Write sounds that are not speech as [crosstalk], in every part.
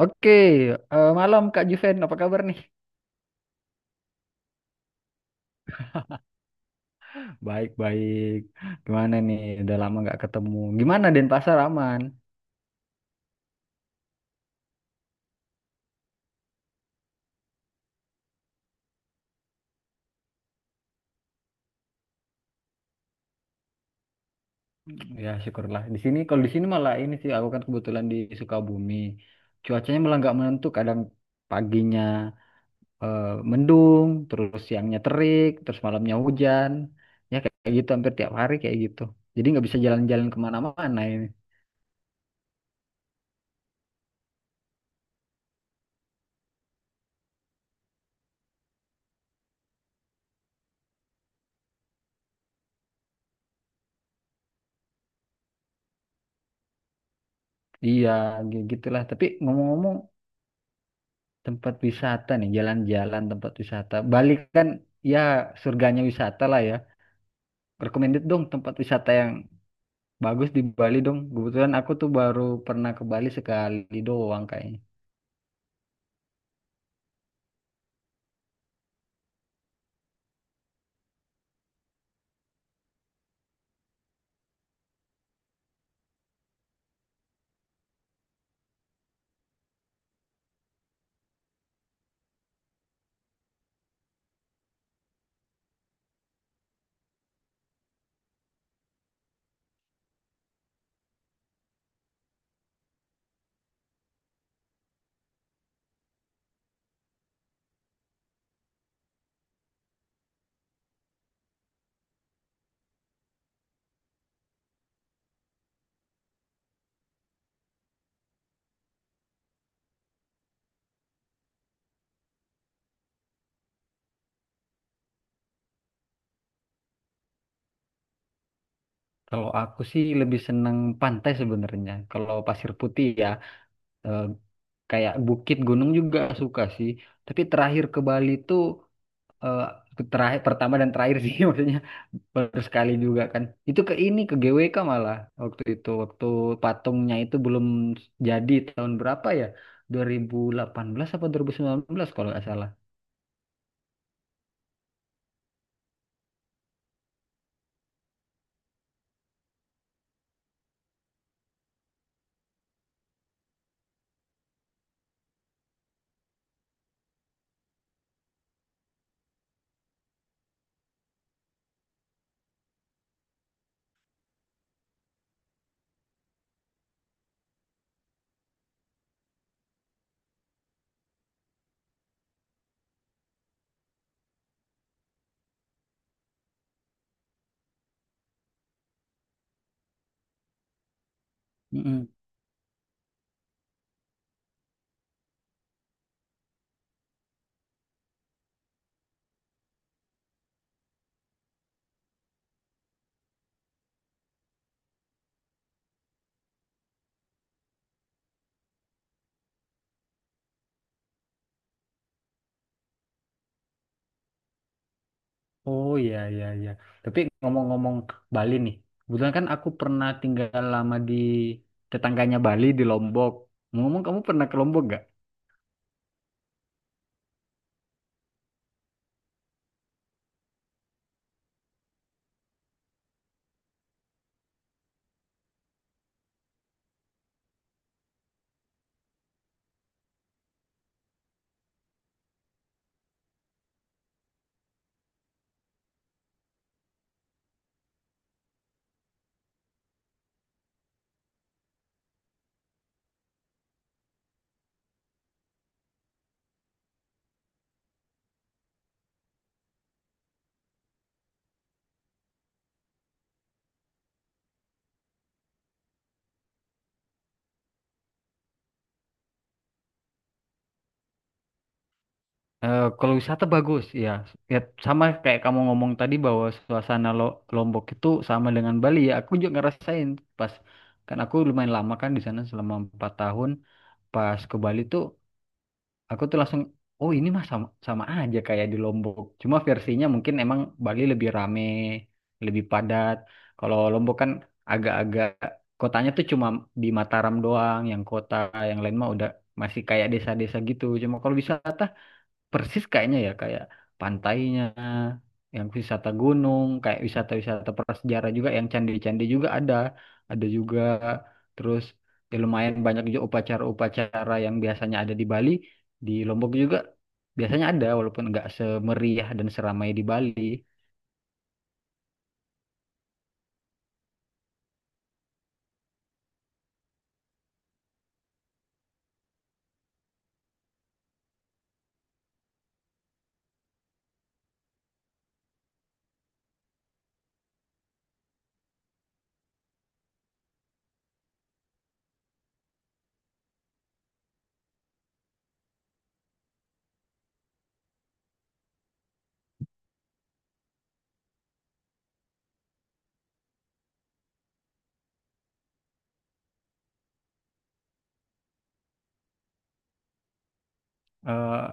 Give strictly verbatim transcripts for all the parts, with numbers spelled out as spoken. Oke, eh, malam Kak Juven, apa kabar nih? Baik-baik. Gimana nih? Udah lama nggak ketemu. Gimana Denpasar aman? Ya syukurlah. Di sini kalau di sini malah ini sih aku kan kebetulan di Sukabumi. Cuacanya malah nggak menentu. Kadang paginya eh, mendung, terus siangnya terik, terus malamnya hujan. Ya kayak kayak gitu hampir tiap hari kayak gitu. Jadi nggak bisa jalan-jalan kemana-mana ini. Iya, gi- gitulah. Tapi ngomong-ngomong, tempat wisata nih, jalan-jalan tempat wisata. Bali kan ya surganya wisata lah ya. Recommended dong tempat wisata yang bagus di Bali dong. Kebetulan aku tuh baru pernah ke Bali sekali doang kayaknya. Kalau aku sih lebih seneng pantai sebenarnya. Kalau pasir putih ya, eh, kayak bukit gunung juga suka sih. Tapi terakhir ke Bali tuh eh, terakhir pertama dan terakhir sih [laughs] maksudnya baru sekali juga kan, itu ke ini ke G W K malah. Waktu itu waktu patungnya itu belum jadi, tahun berapa ya, dua ribu delapan belas apa dua ribu sembilan belas kalau nggak salah. Mm-mm. Oh, iya, iya, iya, tapi ngomong-ngomong Bali nih, kebetulan kan aku pernah tinggal lama di tetangganya Bali, di Lombok. Ngomong, kamu pernah ke Lombok? Eh, kalau wisata bagus, ya. Ya sama kayak kamu ngomong tadi bahwa suasana Lo- Lombok itu sama dengan Bali ya. Aku juga ngerasain pas, kan aku lumayan lama kan di sana selama empat tahun. Pas ke Bali tuh aku tuh langsung, oh ini mah sama sama aja kayak di Lombok. Cuma versinya mungkin emang Bali lebih rame, lebih padat. Kalau Lombok kan agak-agak, kotanya tuh cuma di Mataram doang, yang kota yang lain mah udah masih kayak desa-desa gitu. Cuma kalau wisata persis kayaknya ya, kayak pantainya, yang wisata gunung, kayak wisata-wisata prasejarah juga, yang candi-candi juga ada ada juga. Terus ya lumayan banyak juga upacara-upacara yang biasanya ada di Bali, di Lombok juga biasanya ada walaupun nggak semeriah dan seramai di Bali. Eh,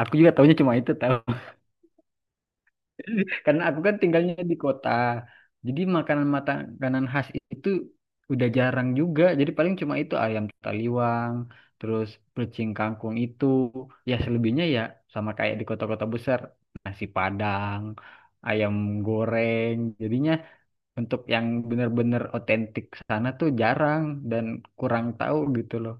aku juga tahunya cuma itu, tahu. Karena aku kan tinggalnya di kota. Jadi makanan makanan khas itu udah jarang juga. Jadi paling cuma itu ayam taliwang, terus pecing kangkung itu. Ya selebihnya ya sama kayak di kota-kota besar, nasi Padang, ayam goreng. Jadinya untuk yang bener-bener otentik sana tuh jarang dan kurang tahu gitu loh.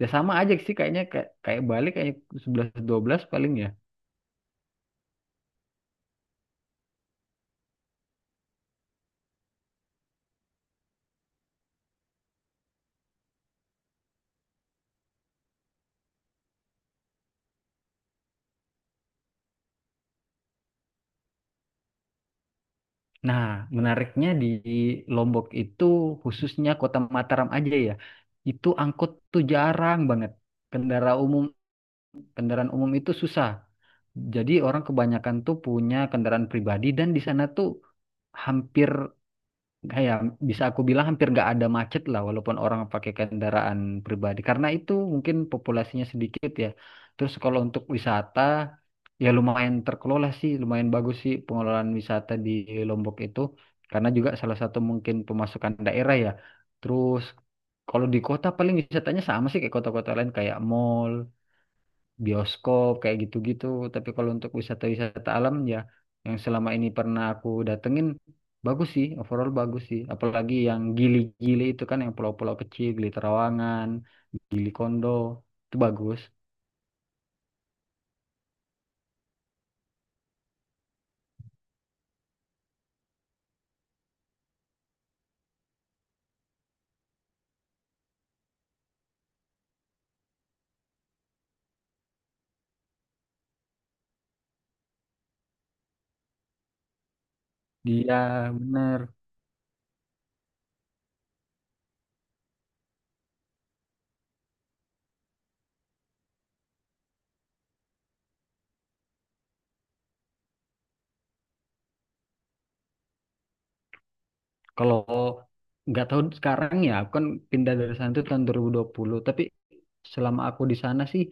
Ya sama aja sih kayaknya, kayak kayak Bali, kayak sebelas dua belas paling ya. Nah, menariknya di Lombok itu, khususnya Kota Mataram aja ya. Itu angkot tuh jarang banget. Kendaraan umum, kendaraan umum itu susah. Jadi orang kebanyakan tuh punya kendaraan pribadi, dan di sana tuh hampir, kayak, bisa aku bilang hampir nggak ada macet lah walaupun orang pakai kendaraan pribadi, karena itu mungkin populasinya sedikit ya. Terus kalau untuk wisata ya lumayan terkelola sih, lumayan bagus sih pengelolaan wisata di Lombok itu, karena juga salah satu mungkin pemasukan daerah ya. Terus kalau di kota paling wisatanya sama sih kayak kota-kota lain, kayak mall, bioskop, kayak gitu-gitu. Tapi kalau untuk wisata-wisata alam ya, yang selama ini pernah aku datengin bagus sih, overall bagus sih. Apalagi yang Gili-Gili itu kan, yang pulau-pulau kecil, Gili Trawangan, Gili Kondo itu bagus. Dia bener. Kalau nggak tahu sekarang ya, aku kan pindah dari sana itu tahun dua ribu dua puluhan. Tapi selama aku di sana sih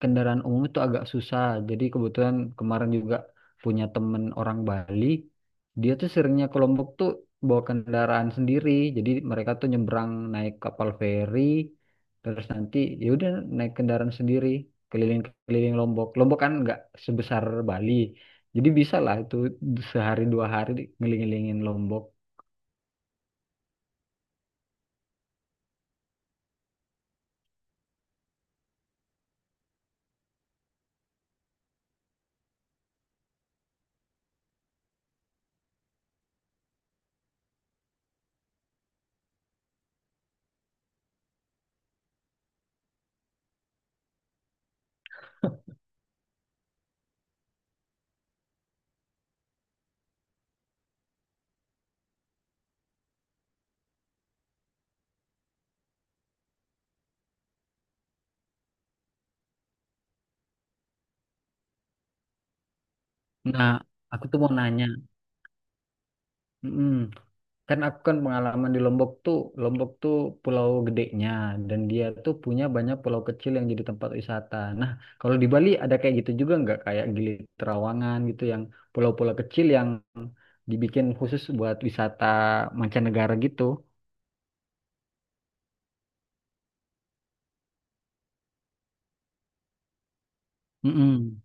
kendaraan umum itu agak susah. Jadi kebetulan kemarin juga punya temen orang Bali, dia tuh seringnya ke Lombok tuh bawa kendaraan sendiri. Jadi mereka tuh nyebrang naik kapal feri, terus nanti ya udah naik kendaraan sendiri keliling-keliling Lombok. Lombok kan nggak sebesar Bali, jadi bisa lah itu sehari dua hari di- ngelilingin Lombok. Nah, aku tuh mau nanya. Mm-mm. Kan aku kan pengalaman di Lombok tuh, Lombok tuh pulau gedenya, dan dia tuh punya banyak pulau kecil yang jadi tempat wisata. Nah, kalau di Bali ada kayak gitu juga nggak? Kayak Gili Trawangan gitu, yang pulau-pulau kecil yang dibikin khusus buat wisata mancanegara gitu. Mm-mm.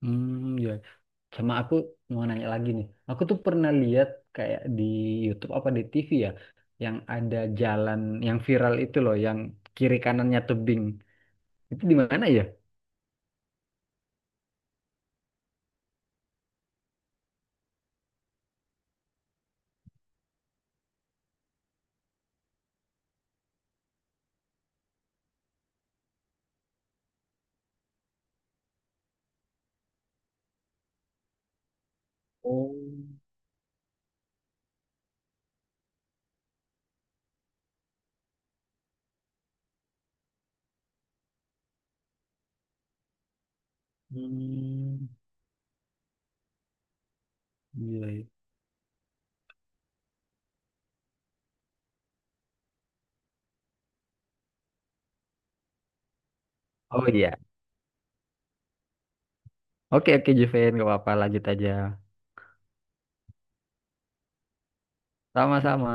Hmm, ya. Sama aku mau nanya lagi nih. Aku tuh pernah lihat kayak di YouTube apa di T V ya, yang ada jalan yang viral itu loh, yang kiri kanannya tebing. Itu di mana ya? Oh, hmm, iya. Iya. Oh iya. Oke, oke Juven, gak apa-apa, lanjut aja. Sama-sama.